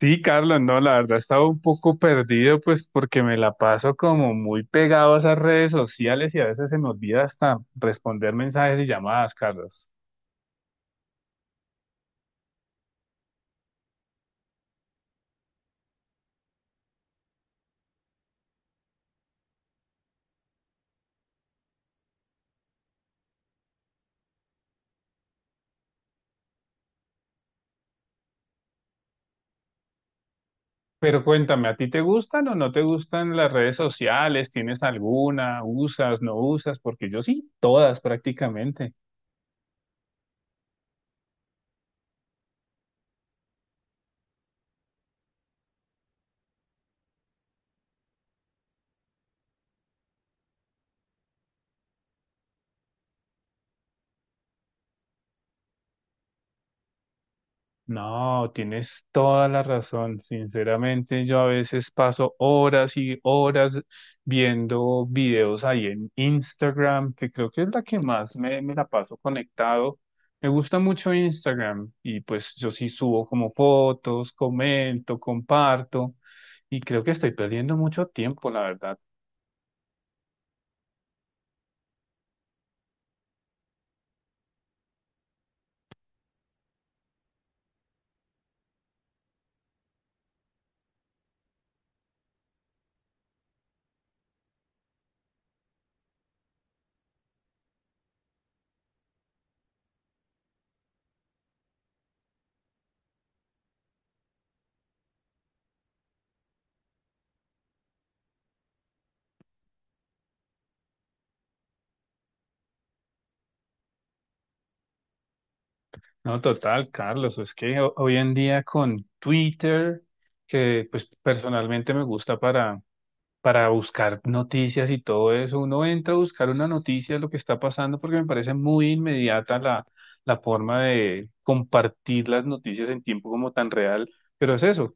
Sí, Carlos, no, la verdad estaba un poco perdido, pues porque me la paso como muy pegado a esas redes sociales y a veces se me olvida hasta responder mensajes y llamadas, Carlos. Pero cuéntame, ¿a ti te gustan o no te gustan las redes sociales? ¿Tienes alguna? ¿Usas, no usas? Porque yo sí, todas prácticamente. No, tienes toda la razón. Sinceramente, yo a veces paso horas y horas viendo videos ahí en Instagram, que creo que es la que más me la paso conectado. Me gusta mucho Instagram y pues yo sí subo como fotos, comento, comparto y creo que estoy perdiendo mucho tiempo, la verdad. No, total, Carlos, es que hoy en día con Twitter, que pues personalmente me gusta para buscar noticias y todo eso. Uno entra a buscar una noticia de lo que está pasando porque me parece muy inmediata la forma de compartir las noticias en tiempo como tan real, pero es eso.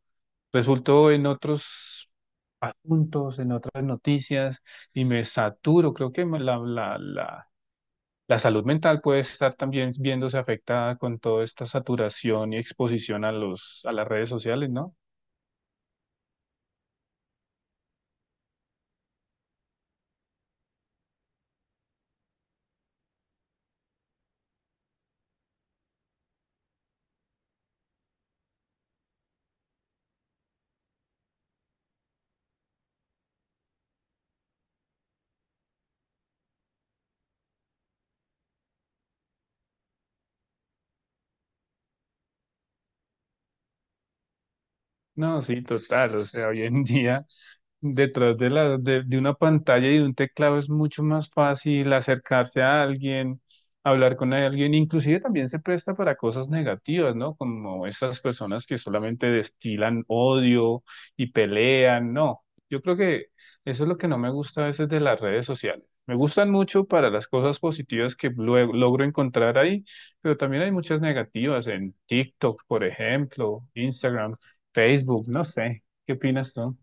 Resultó en otros asuntos, en otras noticias y me saturo. Creo que la salud mental puede estar también viéndose afectada con toda esta saturación y exposición a a las redes sociales, ¿no? No, sí, total. O sea, hoy en día detrás de de una pantalla y de un teclado es mucho más fácil acercarse a alguien, hablar con alguien, inclusive también se presta para cosas negativas, ¿no? Como esas personas que solamente destilan odio y pelean, no. Yo creo que eso es lo que no me gusta a veces de las redes sociales. Me gustan mucho para las cosas positivas que luego logro encontrar ahí, pero también hay muchas negativas en TikTok, por ejemplo, Instagram, Facebook, no sé. ¿Qué opinas tú?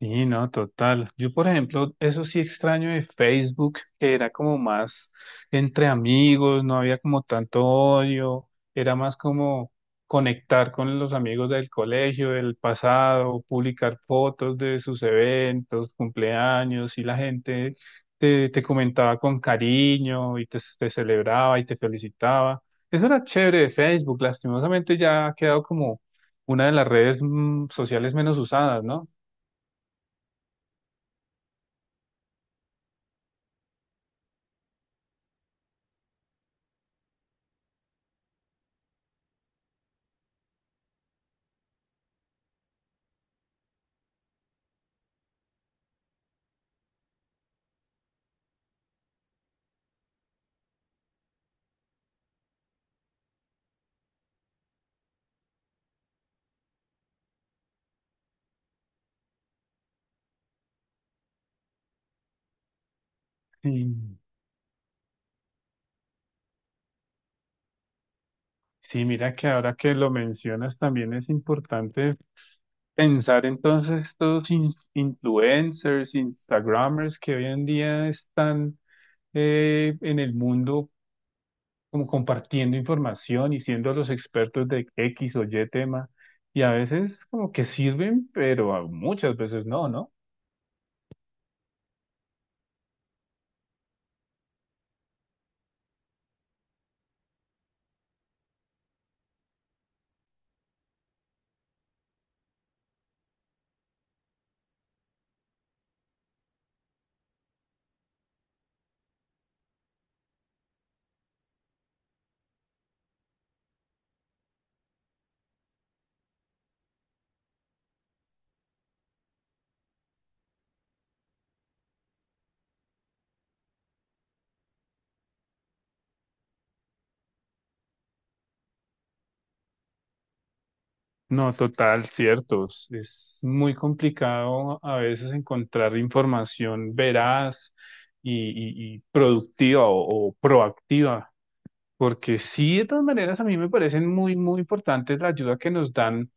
Sí, no, total. Yo, por ejemplo, eso sí extraño de Facebook, que era como más entre amigos, no había como tanto odio, era más como conectar con los amigos del colegio, del pasado, publicar fotos de sus eventos, cumpleaños, y la gente te comentaba con cariño y te celebraba y te felicitaba. Eso era chévere de Facebook, lastimosamente ya ha quedado como una de las redes sociales menos usadas, ¿no? Sí. Sí, mira que ahora que lo mencionas también es importante pensar entonces estos influencers, Instagramers que hoy en día están en el mundo como compartiendo información y siendo los expertos de X o Y tema y a veces como que sirven, pero a muchas veces no, ¿no? No, total, ciertos. Es muy complicado a veces encontrar información veraz y productiva o proactiva, porque sí, de todas maneras a mí me parecen muy, muy importantes la ayuda que nos dan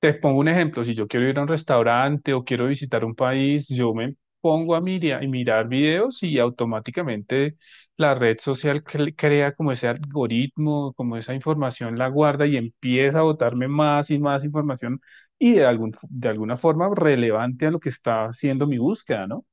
te pongo un ejemplo, si yo quiero ir a un restaurante o quiero visitar un país, yo me pongo a mirar, mirar videos y automáticamente la red social crea como ese algoritmo, como esa información la guarda y empieza a botarme más y más información y de de alguna forma relevante a lo que está haciendo mi búsqueda, ¿no?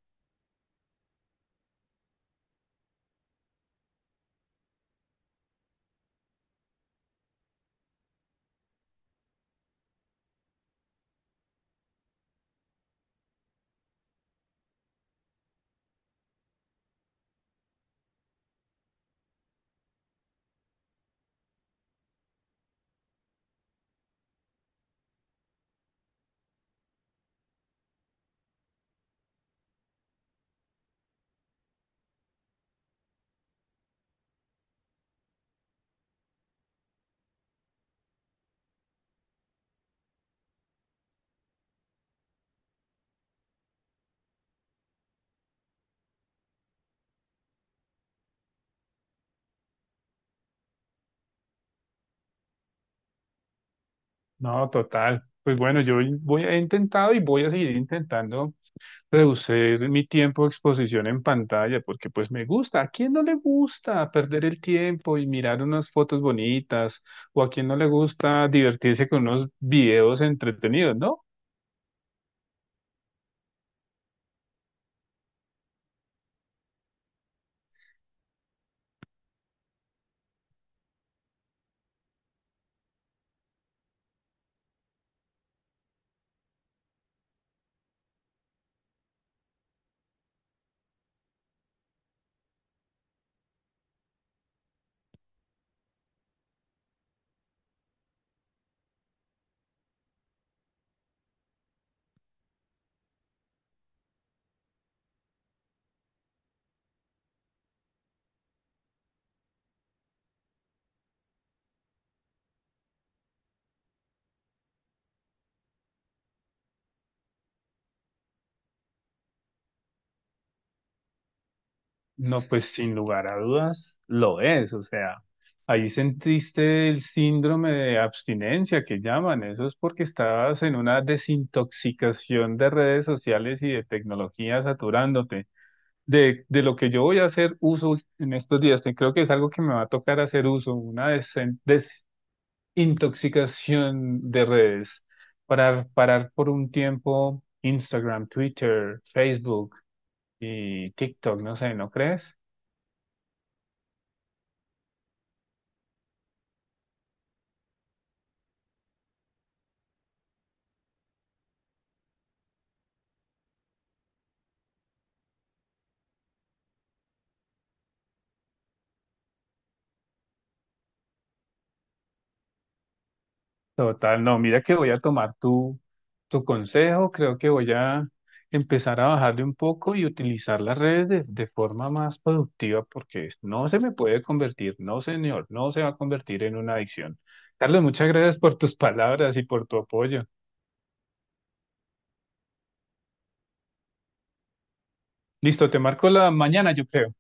No, total. Pues bueno, yo voy, he intentado y voy a seguir intentando reducir mi tiempo de exposición en pantalla, porque pues me gusta. ¿A quién no le gusta perder el tiempo y mirar unas fotos bonitas? ¿O a quién no le gusta divertirse con unos videos entretenidos, no? No, pues sin lugar a dudas lo es. O sea, ahí sentiste el síndrome de abstinencia que llaman. Eso es porque estabas en una desintoxicación de redes sociales y de tecnología saturándote. De de, lo que yo voy a hacer uso en estos días. Creo que es algo que me va a tocar hacer uso, una desintoxicación de redes, para parar por un tiempo Instagram, Twitter, Facebook y TikTok, no sé, ¿no crees? Total, no, mira que voy a tomar tu consejo, creo que voy a empezar a bajarle un poco y utilizar las redes de forma más productiva porque no se me puede convertir, no señor, no se va a convertir en una adicción. Carlos, muchas gracias por tus palabras y por tu apoyo. Listo, te marco la mañana, yo creo.